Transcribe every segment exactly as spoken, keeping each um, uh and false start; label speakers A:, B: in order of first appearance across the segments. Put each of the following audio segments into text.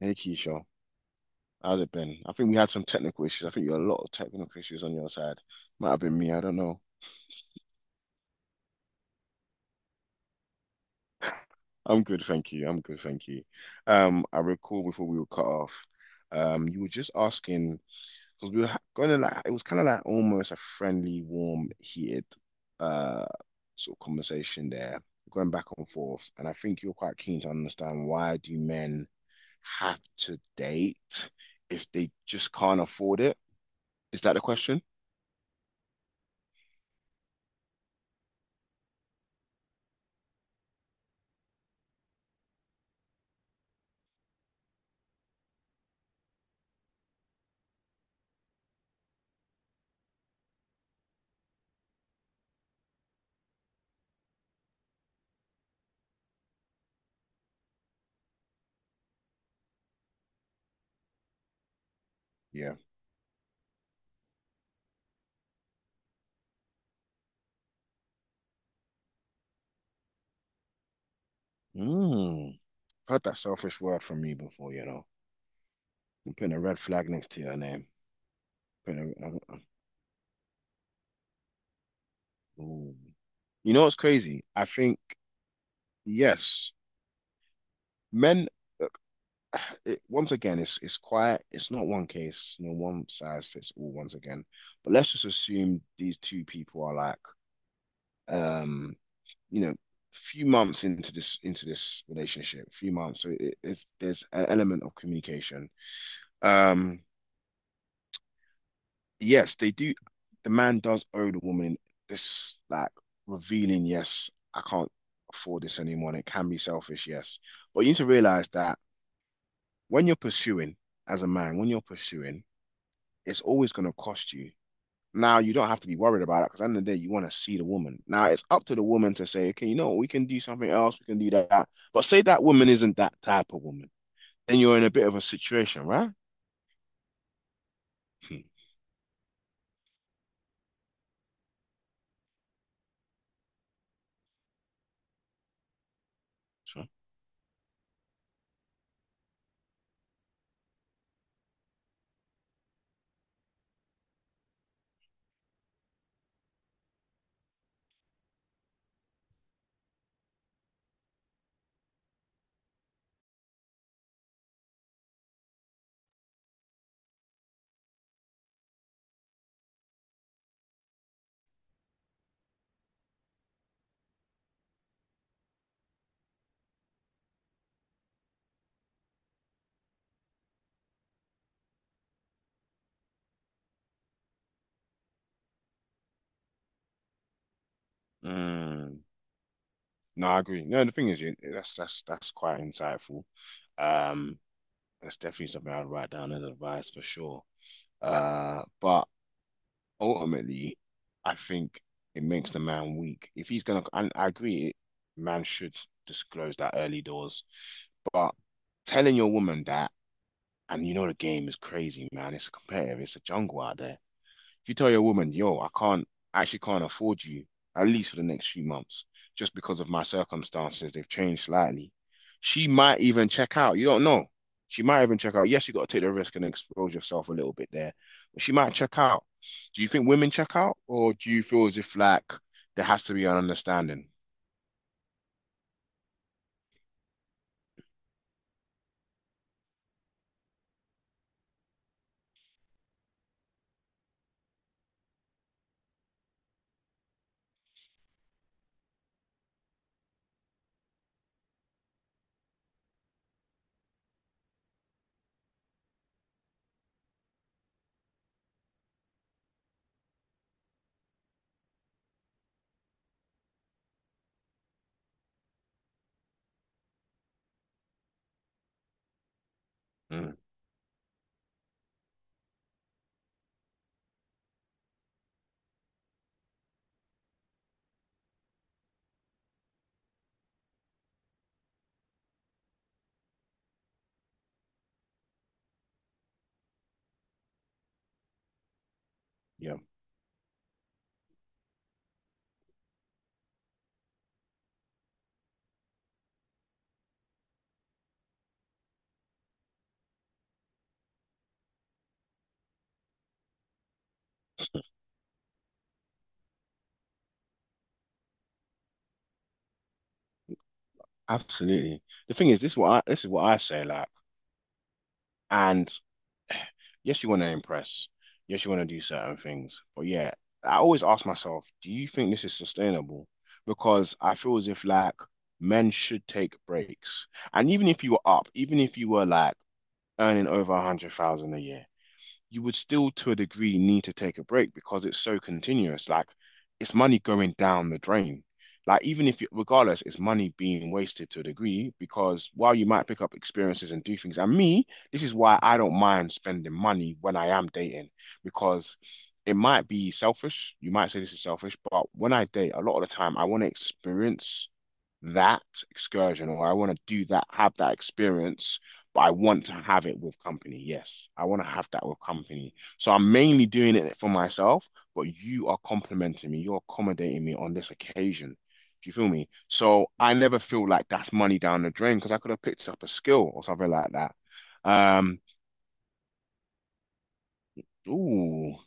A: Hey Keisha, how's it been? I think we had some technical issues. I think you had a lot of technical issues on your side. Might have been me, I don't know. I'm good, thank you. I'm good, thank you. Um, I recall before we were cut off, um, you were just asking because we were gonna, like, it was kind of like almost a friendly, warm, heated uh sort of conversation there, going back and forth. And I think you're quite keen to understand why do men have to date if they just can't afford it? Is that the question? Yeah. Mm. Heard that selfish word from you before, you know. I'm putting a red flag next to your name. Putting a, I'm- I'm- ooh. You know what's crazy? I think, yes, men, it, once again, it's it's quiet. It's not one case, you know, one size fits all once again. But let's just assume these two people are like, um, you know, few months into this into this relationship, few months. So it, it's, there's an element of communication. Um, yes, they do. The man does owe the woman this, like, revealing, yes, I can't afford this anymore. And it can be selfish, yes. But you need to realize that when you're pursuing as a man, when you're pursuing, it's always going to cost you. Now, you don't have to be worried about it because at the end of the day, you want to see the woman. Now, it's up to the woman to say, okay, you know we can do something else, we can do that. But say that woman isn't that type of woman, then you're in a bit of a situation, right? Hmm, sure. Hmm. No, I agree. No, the thing is, you, that's that's that's quite insightful. Um, that's definitely something I'd write down as advice for sure. Uh, but ultimately, I think it makes the man weak. If he's gonna, and I agree, man should disclose that early doors. But telling your woman that, and you know the game is crazy, man. It's competitive. It's a jungle out there. If you tell your woman, yo, I can't, I actually can't afford you, at least for the next few months, just because of my circumstances, they've changed slightly. She might even check out. You don't know. She might even check out. Yes, you got to take the risk and expose yourself a little bit there, but she might check out. Do you think women check out, or do you feel as if like there has to be an understanding? Mm, yeah, absolutely. The thing is, this is what I, this is what I say, like, and Yes, you want to impress. Yes, you want to do certain things. But yeah, I always ask myself, do you think this is sustainable? Because I feel as if like men should take breaks. And even if you were up, even if you were like earning over a hundred thousand a year, you would still, to a degree, need to take a break because it's so continuous. Like, it's money going down the drain. Like, even if, you, regardless, it's money being wasted to a degree because while you might pick up experiences and do things, and me, this is why I don't mind spending money when I am dating because it might be selfish. You might say this is selfish, but when I date, a lot of the time, I want to experience that excursion or I want to do that, have that experience, but I want to have it with company. Yes, I want to have that with company. So I'm mainly doing it for myself, but you are complimenting me, you're accommodating me on this occasion. Do you feel me? So I never feel like that's money down the drain because I could have picked up a skill or something like that. Um, ooh,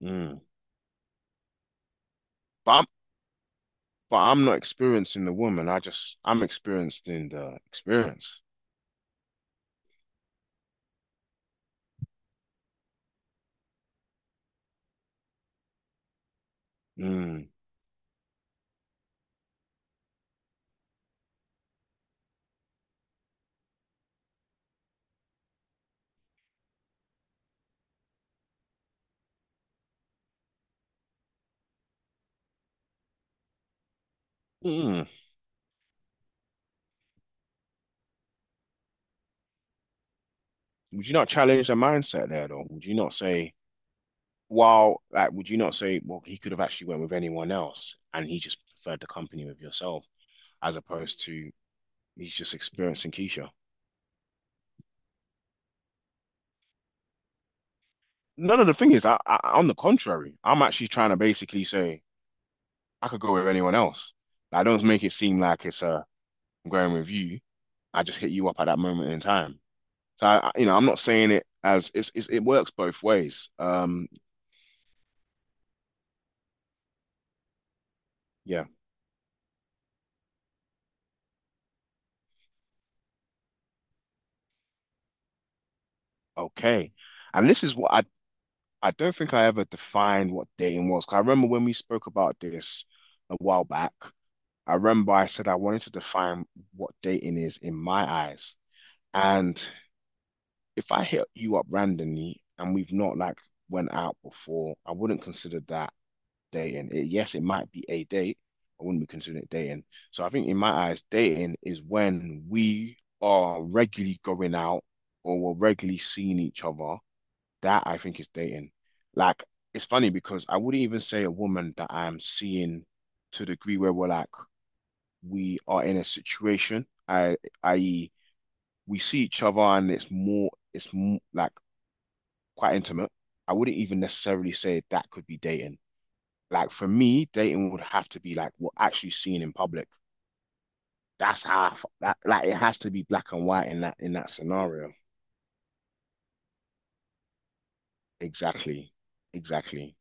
A: mm. But I'm, but I'm not experiencing the woman. I just I'm experiencing the experience. Mm. Mm. Would you not challenge the mindset there though? Would you not say, well, like, would you not say, well, he could have actually went with anyone else and he just preferred the company with yourself as opposed to he's just experiencing Keisha? No, no, the thing is, I, I, on the contrary, I'm actually trying to basically say I could go with anyone else. Like, I don't make it seem like it's a I'm going with you. I just hit you up at that moment in time. So I- you know, I'm not saying it as it's, it's it works both ways. Um, yeah, okay. And this is what I I don't think I ever defined what dating was. 'Cause I remember when we spoke about this a while back, I remember I said I wanted to define what dating is in my eyes. And if I hit you up randomly and we've not like went out before, I wouldn't consider that dating. It, yes, it might be a date. I wouldn't be considering it dating. So I think in my eyes, dating is when we are regularly going out or we're regularly seeing each other that I think is dating. Like, it's funny because I wouldn't even say a woman that I'm seeing to the degree where we're like we are in a situation. I, that is, we see each other and it's more, it's more, like quite intimate. I wouldn't even necessarily say that could be dating. Like, for me, dating would have to be like we're actually seen in public. That's half that like it has to be black and white in that in that scenario. Exactly. Exactly.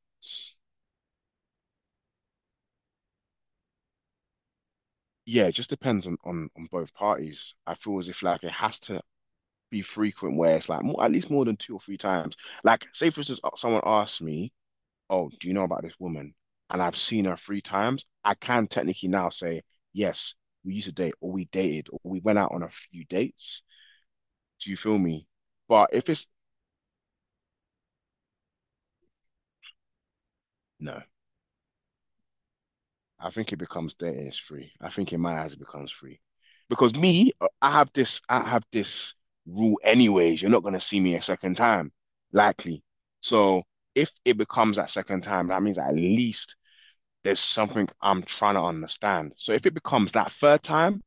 A: Yeah, it just depends on, on on both parties. I feel as if like it has to be frequent where it's like more, at least more than two or three times. Like, say for instance, uh, someone asks me, "Oh, do you know about this woman?" And I've seen her three times. I can technically now say, "Yes, we used to date, or we dated, or we went out on a few dates." Do you feel me? But if it's No, I think it becomes there is free. I think in my eyes it becomes free. Because me, I have this I have this rule anyways. You're not gonna see me a second time, likely. So if it becomes that second time, that means at least there's something I'm trying to understand. So if it becomes that third time,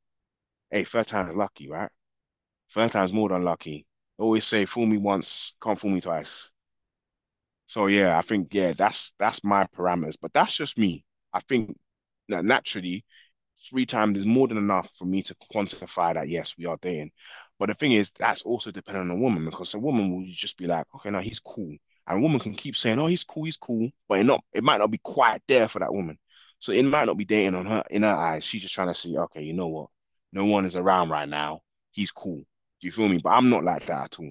A: hey, third time is lucky, right? Third time's more than lucky. I always say fool me once, can't fool me twice. So yeah, I think yeah, that's that's my parameters. But that's just me. I think that naturally three times is more than enough for me to quantify that yes, we are dating. But the thing is, that's also dependent on a woman because a woman will just be like, okay, now he's cool. And a woman can keep saying, oh, he's cool, he's cool, but it not it might not be quite there for that woman. So it might not be dating on her in her eyes. She's just trying to see, okay, you know what? No one is around right now. He's cool. Do you feel me? But I'm not like that at all.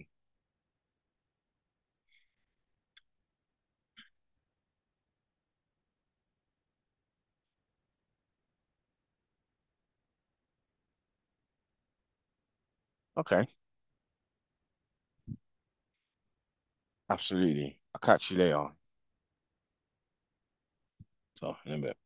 A: Okay, absolutely. I'll catch you later. So in a bit.